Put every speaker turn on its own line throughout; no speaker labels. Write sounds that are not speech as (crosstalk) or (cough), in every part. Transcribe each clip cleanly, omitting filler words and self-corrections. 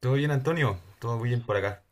¿Todo bien, Antonio? ¿Todo bien por acá?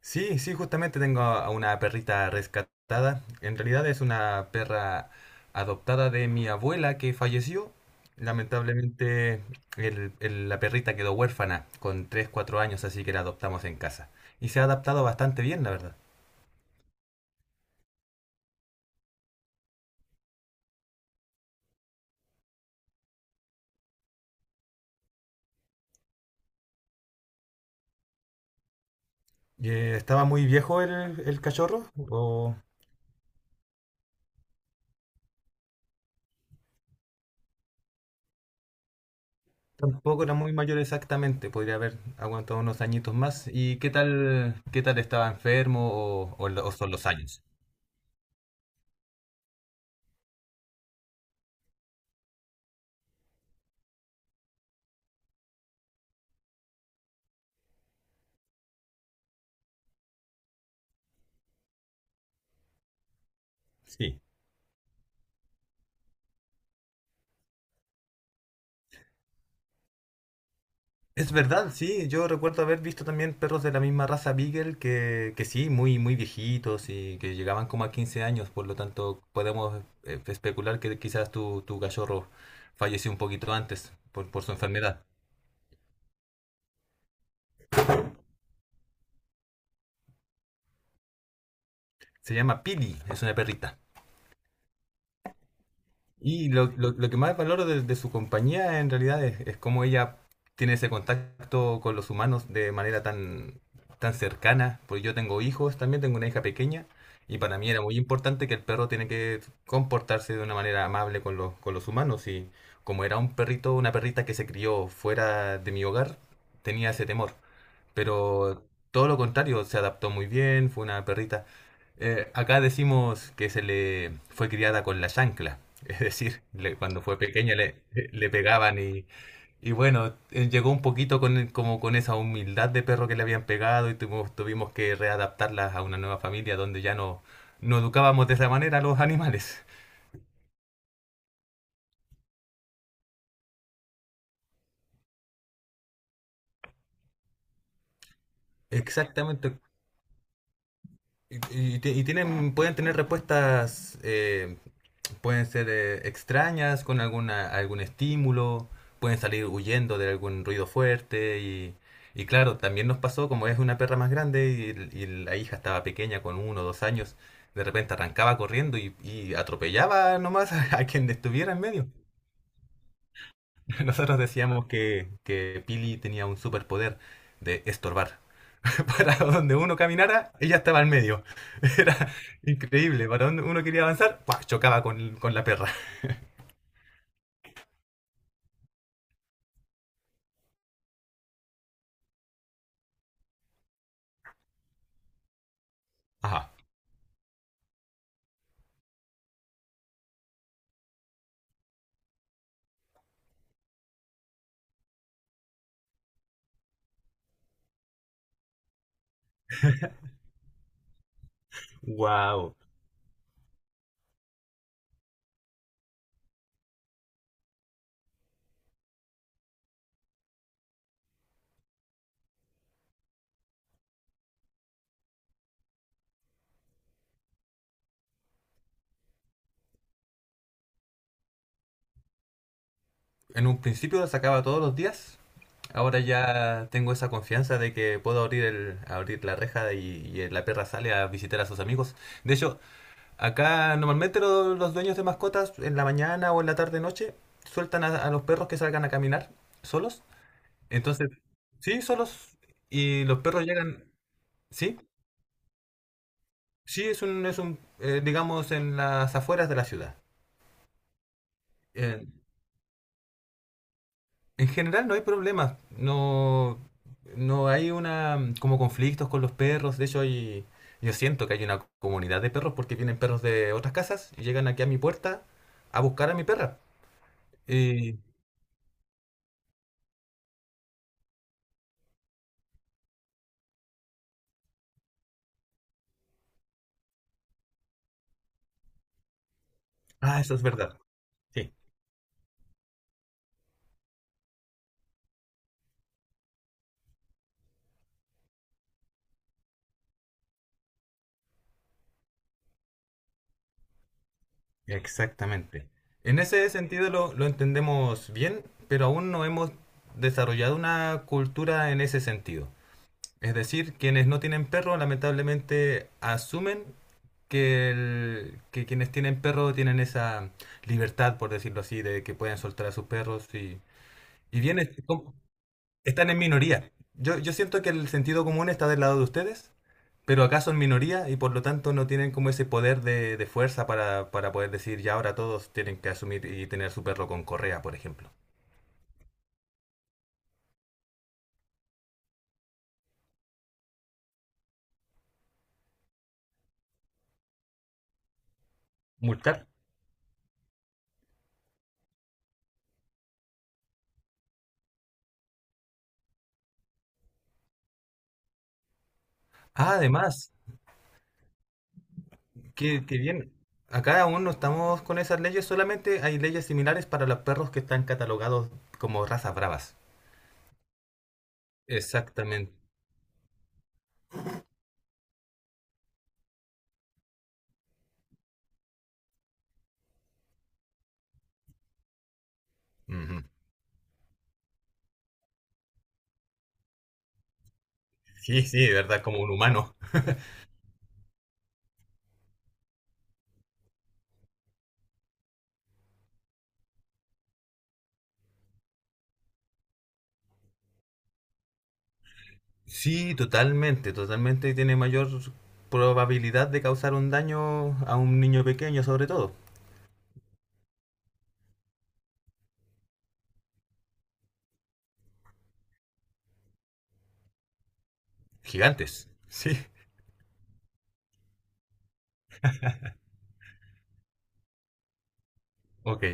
Sí, sí, justamente tengo a una perrita rescatada. En realidad es una perra adoptada de mi abuela que falleció. Lamentablemente la perrita quedó huérfana con tres cuatro años, así que la adoptamos en casa. Y se ha adaptado bastante bien, la verdad. ¿Estaba muy viejo el cachorro? ¿O tampoco era muy mayor exactamente? Podría haber aguantado unos añitos más. ¿Y qué tal estaba enfermo o o son los años? Sí. Es verdad, sí. Yo recuerdo haber visto también perros de la misma raza Beagle que sí, muy, muy viejitos y que llegaban como a 15 años. Por lo tanto, podemos especular que quizás tu cachorro falleció un poquito antes por su enfermedad. Se llama Pili, es una perrita. Lo que más valoro de su compañía en realidad es cómo ella tiene ese contacto con los humanos de manera tan cercana, porque yo tengo hijos, también tengo una hija pequeña, y para mí era muy importante que el perro tiene que comportarse de una manera amable con con los humanos, y como era un perrito, una perrita que se crió fuera de mi hogar, tenía ese temor. Pero todo lo contrario, se adaptó muy bien, fue una perrita. Acá decimos que se le fue criada con la chancla, (laughs) es decir, cuando fue pequeña le pegaban y bueno, llegó un poquito como con esa humildad de perro que le habían pegado y tuvimos que readaptarla a una nueva familia donde no educábamos de esa manera a los animales. Exactamente. Y, y tienen, pueden tener respuestas pueden ser extrañas con algún estímulo, pueden salir huyendo de algún ruido fuerte y claro, también nos pasó, como es una perra más grande y la hija estaba pequeña con uno o dos años, de repente arrancaba corriendo y atropellaba nomás (laughs) a quien estuviera en medio. (laughs) Nosotros decíamos que Pili tenía un superpoder de estorbar. (laughs) Para donde uno caminara, ella estaba en medio. (laughs) Era increíble. Para donde uno quería avanzar, ¡pua! Chocaba con la perra. Ajá. Wow. En un principio la sacaba todos los días. Ahora ya tengo esa confianza de que puedo abrir la reja y la perra sale a visitar a sus amigos. De hecho, acá normalmente los dueños de mascotas en la mañana o en la tarde noche sueltan a los perros que salgan a caminar solos. Entonces, sí, solos. Y los perros llegan, sí, sí, digamos, en las afueras de la ciudad. Eh, en general no hay problemas. No, no hay una como conflictos con los perros. De hecho, yo siento que hay una comunidad de perros porque vienen perros de otras casas y llegan aquí a mi puerta a buscar a mi perra. Y, ah, eso es verdad. Sí, exactamente. En ese sentido lo entendemos bien, pero aún no hemos desarrollado una cultura en ese sentido. Es decir, quienes no tienen perro lamentablemente asumen que quienes tienen perro tienen esa libertad, por decirlo así, de que pueden soltar a sus perros y bien, están en minoría. Yo siento que el sentido común está del lado de ustedes, pero acá son minoría y por lo tanto no tienen como ese poder de fuerza para poder decir ya ahora todos tienen que asumir y tener su perro con correa, por ejemplo. Multar. Ah, además, qué, qué bien. Acá aún no estamos con esas leyes, solamente hay leyes similares para los perros que están catalogados como razas bravas. Exactamente. Ujú. Sí, sí, de verdad, como un humano. Sí, totalmente, totalmente. Y tiene mayor probabilidad de causar un daño a un niño pequeño, sobre todo. Gigantes. Sí, ok.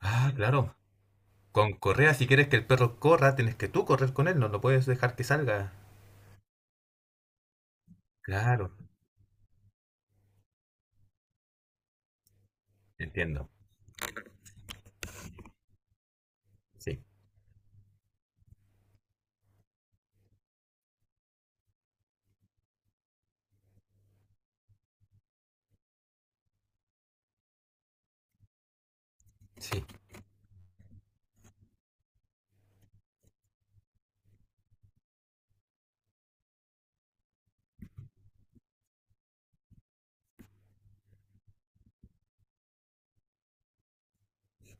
Ah, claro. Con correa, si quieres que el perro corra, tienes que tú correr con él, no lo puedes dejar que salga. Claro, entiendo. Sí, sí,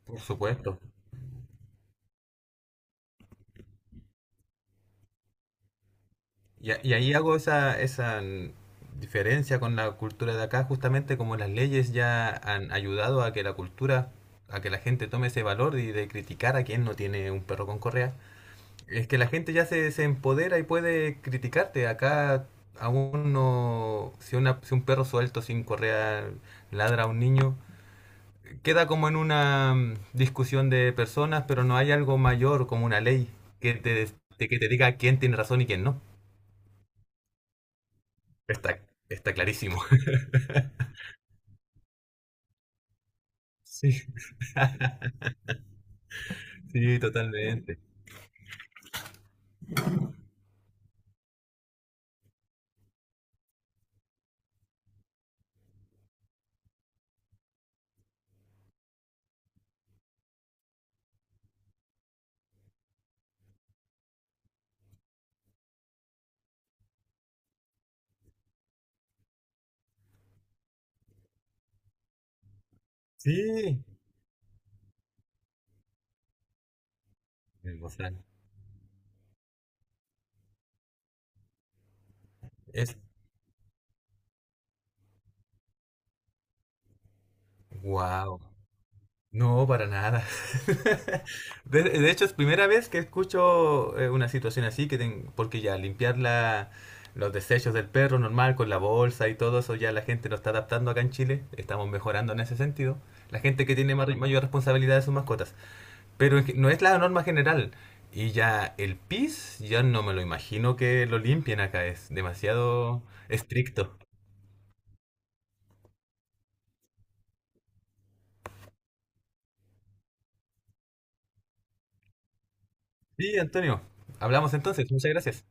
por supuesto. Y ahí hago esa diferencia con la cultura de acá, justamente como las leyes ya han ayudado a que la cultura, a que la gente tome ese valor y de criticar a quien no tiene un perro con correa. Es que la gente ya se empodera y puede criticarte. Acá aún no, si un perro suelto sin correa ladra a un niño, queda como en una discusión de personas, pero no hay algo mayor como una ley que que te diga quién tiene razón y quién no. Está, está clarísimo. Sí, (laughs) sí, totalmente. Sí, el bozal. Es wow. No, para nada. (laughs) De hecho, es primera vez que escucho una situación así, porque ya limpiar los desechos del perro normal con la bolsa y todo eso, ya la gente lo está adaptando acá en Chile. Estamos mejorando en ese sentido. La gente que tiene mayor responsabilidad de sus mascotas. Pero es que no es la norma general. Y ya el PIS, ya no me lo imagino que lo limpien acá, es demasiado estricto. Sí, Antonio, hablamos entonces, muchas gracias.